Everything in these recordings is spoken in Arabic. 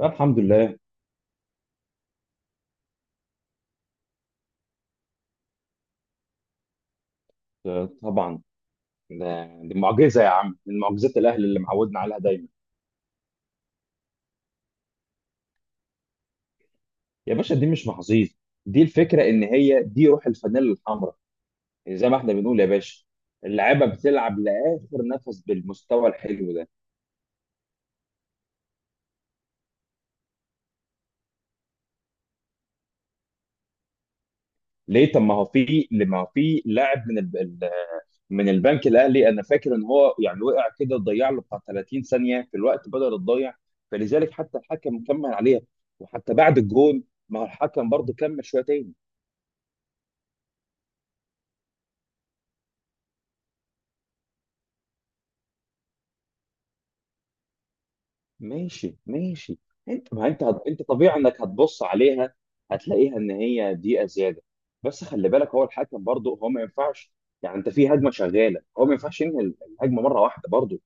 الحمد لله. طبعا. دي معجزه يا عم، من معجزات الاهل اللي معودنا عليها دايما. يا باشا، دي مش محظوظ، دي الفكره ان هي دي روح الفانيلا الحمراء. يعني زي ما احنا بنقول يا باشا، اللعيبه بتلعب لاخر نفس بالمستوى الحلو ده. ليه؟ طب ما هو في، لما هو في لاعب من البنك الاهلي، انا فاكر ان هو يعني وقع كده، ضيع له بتاع 30 ثانيه في الوقت بدل الضيع. فلذلك حتى الحكم كمل عليها، وحتى بعد الجون ما هو الحكم برضه كمل شويه. ماشي ماشي. انت ما انت هت... انت طبيعي انك هتبص عليها، هتلاقيها ان هي دقيقه زياده. بس خلي بالك، هو الحكم برضه هو ما ينفعش، يعني انت في هجمه شغاله هو ما ينفعش ينهي الهجمه مره واحده برضه.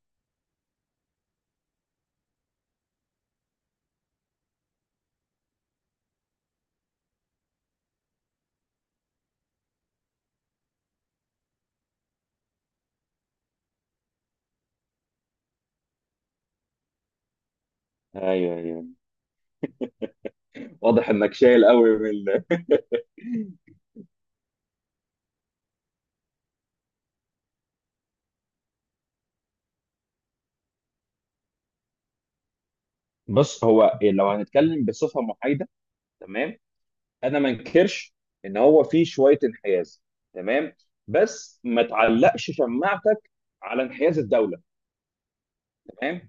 ايوه ايوه، واضح انك شايل قوي بص هو إيه، لو هنتكلم بصفه محايده، تمام، انا ما انكرش ان هو في شويه انحياز، تمام، بس ما تعلقش شماعتك على انحياز الدوله. تمام.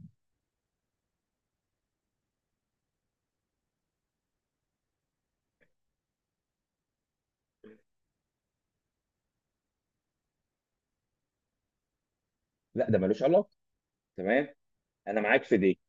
لا ده ملوش علاقه. تمام، انا معاك في دي.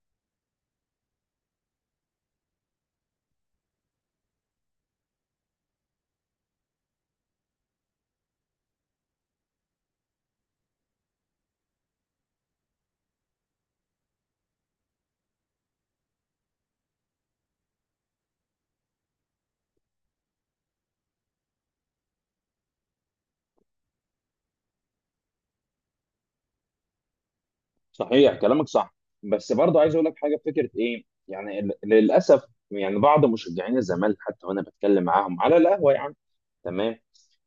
صحيح، كلامك صح. بس برضه عايز اقول لك حاجه، فكره ايه يعني، للاسف يعني بعض مشجعين الزمالك حتى وانا بتكلم معاهم على القهوه، يعني تمام،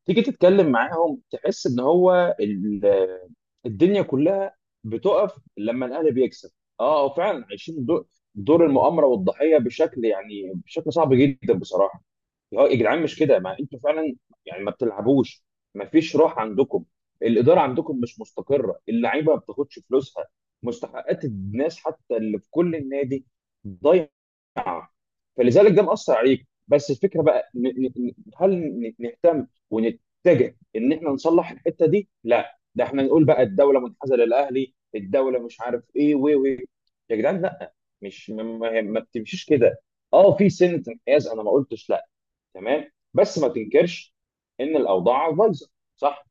تيجي تتكلم معاهم تحس ان الدنيا كلها بتقف لما الاهلي بيكسب. اه هو فعلا دور المؤامره والضحيه بشكل، يعني بشكل صعب جدا بصراحه. اه يا جدعان، مش كده ما انتوا فعلا يعني ما بتلعبوش، ما فيش روح عندكم، الاداره عندكم مش مستقره، اللعيبه ما بتاخدش فلوسها، مستحقات الناس حتى اللي في كل النادي ضايعه. فلذلك ده مأثر عليك. بس الفكره بقى، هل نهتم ونتجه ان احنا نصلح الحته دي؟ لا، ده احنا نقول بقى الدوله منحازه للاهلي، الدوله مش عارف ايه، و يا جدعان لا، مش ما, ما ما بتمشيش كده. اه في سنه انحياز انا ما قلتش لا، تمام، بس ما تنكرش ان الاوضاع بايظه. صح.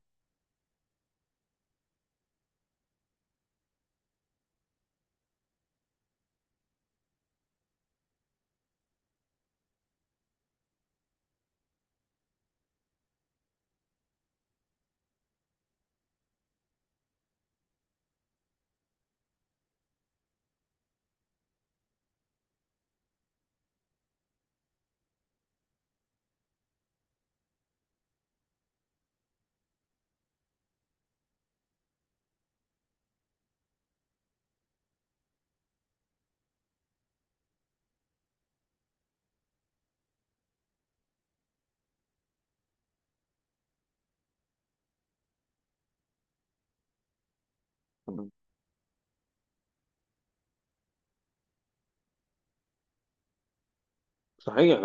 صحيح.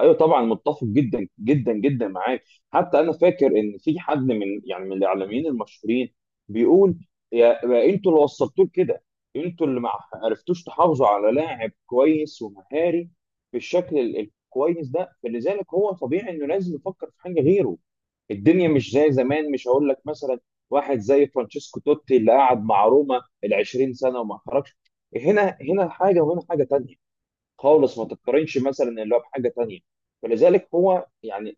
ايوه طبعا، متفق جدا جدا جدا معاك. حتى انا فاكر ان في حد من يعني من الاعلاميين المشهورين بيقول: يا انتوا اللي وصلتوه لكده، انتوا اللي ما عرفتوش تحافظوا على لاعب كويس ومهاري بالشكل ال- الكويس ده. فلذلك هو طبيعي انه لازم يفكر في حاجه غيره. الدنيا مش زي زمان. مش هقول لك مثلا واحد زي فرانشيسكو توتي اللي قعد مع روما ال 20 سنه وما خرجش. هنا حاجه وهنا حاجه تانيه خالص، ما تتقارنش مثلا اللي هو بحاجه تانيه. فلذلك هو يعني،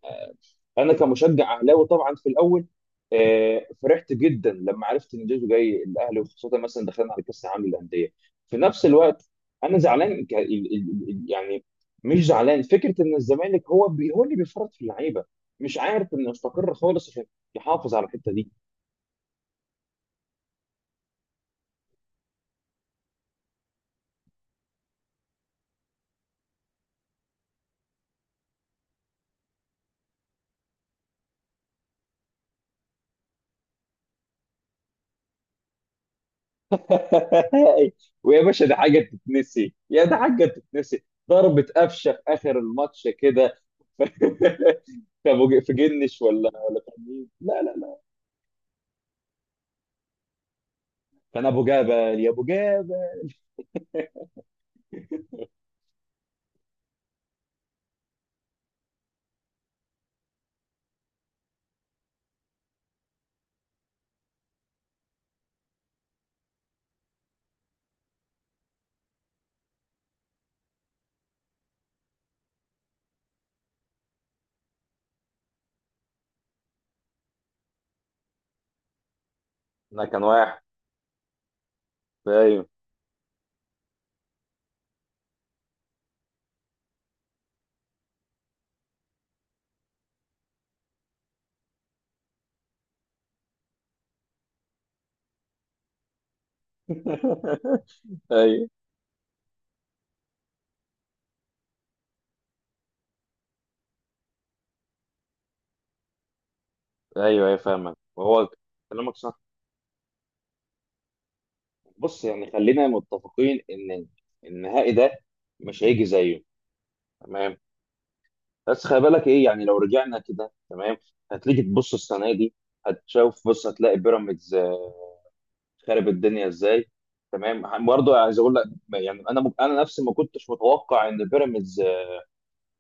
انا كمشجع اهلاوي طبعا في الاول، فرحت جدا لما عرفت ان جيزو جاي الاهلي، وخاصه مثلا دخلنا على كاس العالم للانديه. في نفس الوقت انا زعلان، يعني مش زعلان فكره ان الزمالك هو بي هو اللي بيفرط في اللعيبه، مش عارف انه يستقر خالص عشان يحافظ على الحته دي. ويا باشا ده حاجه تتنسي؟ يا ده حاجه تتنسي! ضربة قفشه في اخر الماتش كده. في جنش ولا كان مين؟ لا لا لا، كان ابو جبل، يا ابو جبل. انا كان واحد. ايوه. ايوه ايوه، ايوه فاهمك. وهو كلامك صح. بص يعني، خلينا متفقين ان النهائي ده مش هيجي زيه. تمام. بس خلي بالك ايه يعني، لو رجعنا كده تمام، هتيجي تبص السنه دي هتشوف، بص هتلاقي بيراميدز خرب الدنيا ازاي. تمام، برضه عايز اقول لك يعني، انا نفسي ما كنتش متوقع ان بيراميدز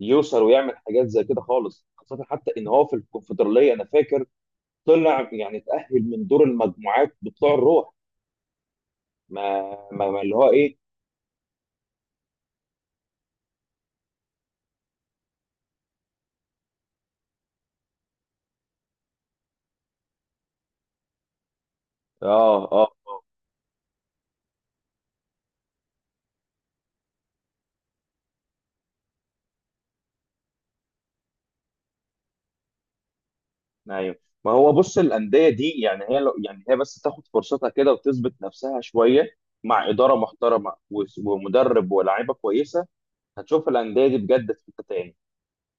يوصل ويعمل حاجات زي كده خالص، خاصة حتى ان هو في الكونفدرالية انا فاكر طلع يعني اتأهل من دور المجموعات بطلوع الروح. ما, ما, ما اللي هو ايه. اه اه اه. ايوه. ما هو بص، الأندية دي يعني هي لو يعني، هي بس تاخد فرصتها كده وتثبت نفسها شوية مع إدارة محترمة ومدرب ولاعيبة كويسة، هتشوف الأندية دي بجد في حتة تاني.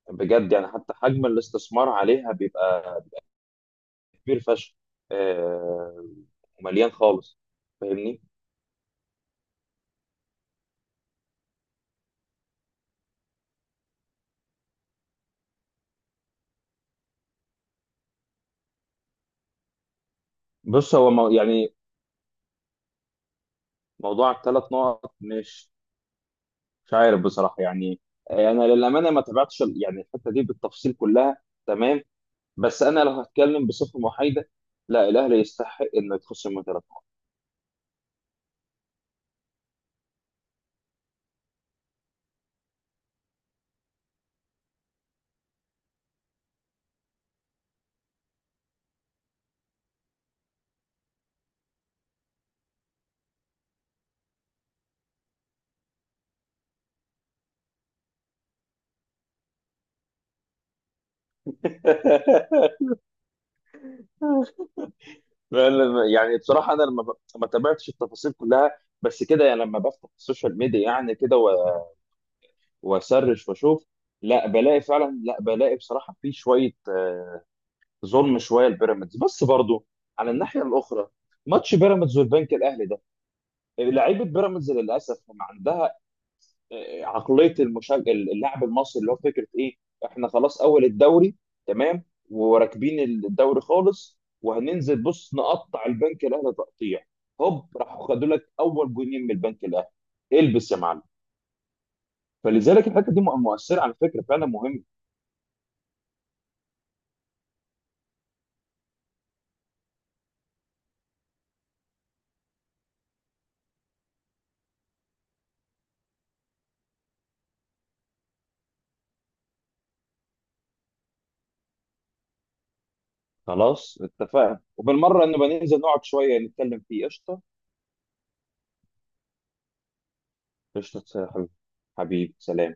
بجد يعني، حتى حجم الاستثمار عليها بيبقى كبير فشخ، آه، ومليان خالص. فاهمني؟ بص هو مو يعني، موضوع الثلاث نقط مش، مش عارف بصراحه يعني. انا للامانه ما تابعتش يعني الحته دي بالتفصيل كلها. تمام، بس انا لو هتكلم بصفه محايده، لا الاهلي يستحق انه يتخصم من ثلاث نقط. فعلا، يعني بصراحه انا ما تابعتش التفاصيل كلها، بس كده يعني لما بفتح السوشيال ميديا يعني كده واسرش واشوف، لا بلاقي فعلا، لا بلاقي بصراحه في شويه، ظلم شويه لبيراميدز. بس برضو على الناحيه الاخرى، ماتش بيراميدز والبنك الاهلي ده، لعيبه بيراميدز للاسف ما عندها عقليه اللاعب المصري، اللي هو فكره ايه: احنا خلاص اول الدوري، تمام، وراكبين الدوري خالص، وهننزل بص نقطع البنك الاهلي تقطيع. هوب، راحوا خدوا لك اول جونين من البنك الاهلي، البس يا معلم. فلذلك الحته دي مؤثره على فكره، فعلا مهم. خلاص اتفقنا، وبالمره نبقى ننزل نقعد شويه نتكلم فيه. قشطه. قشطة يا حبيبي. حبيبي سلام.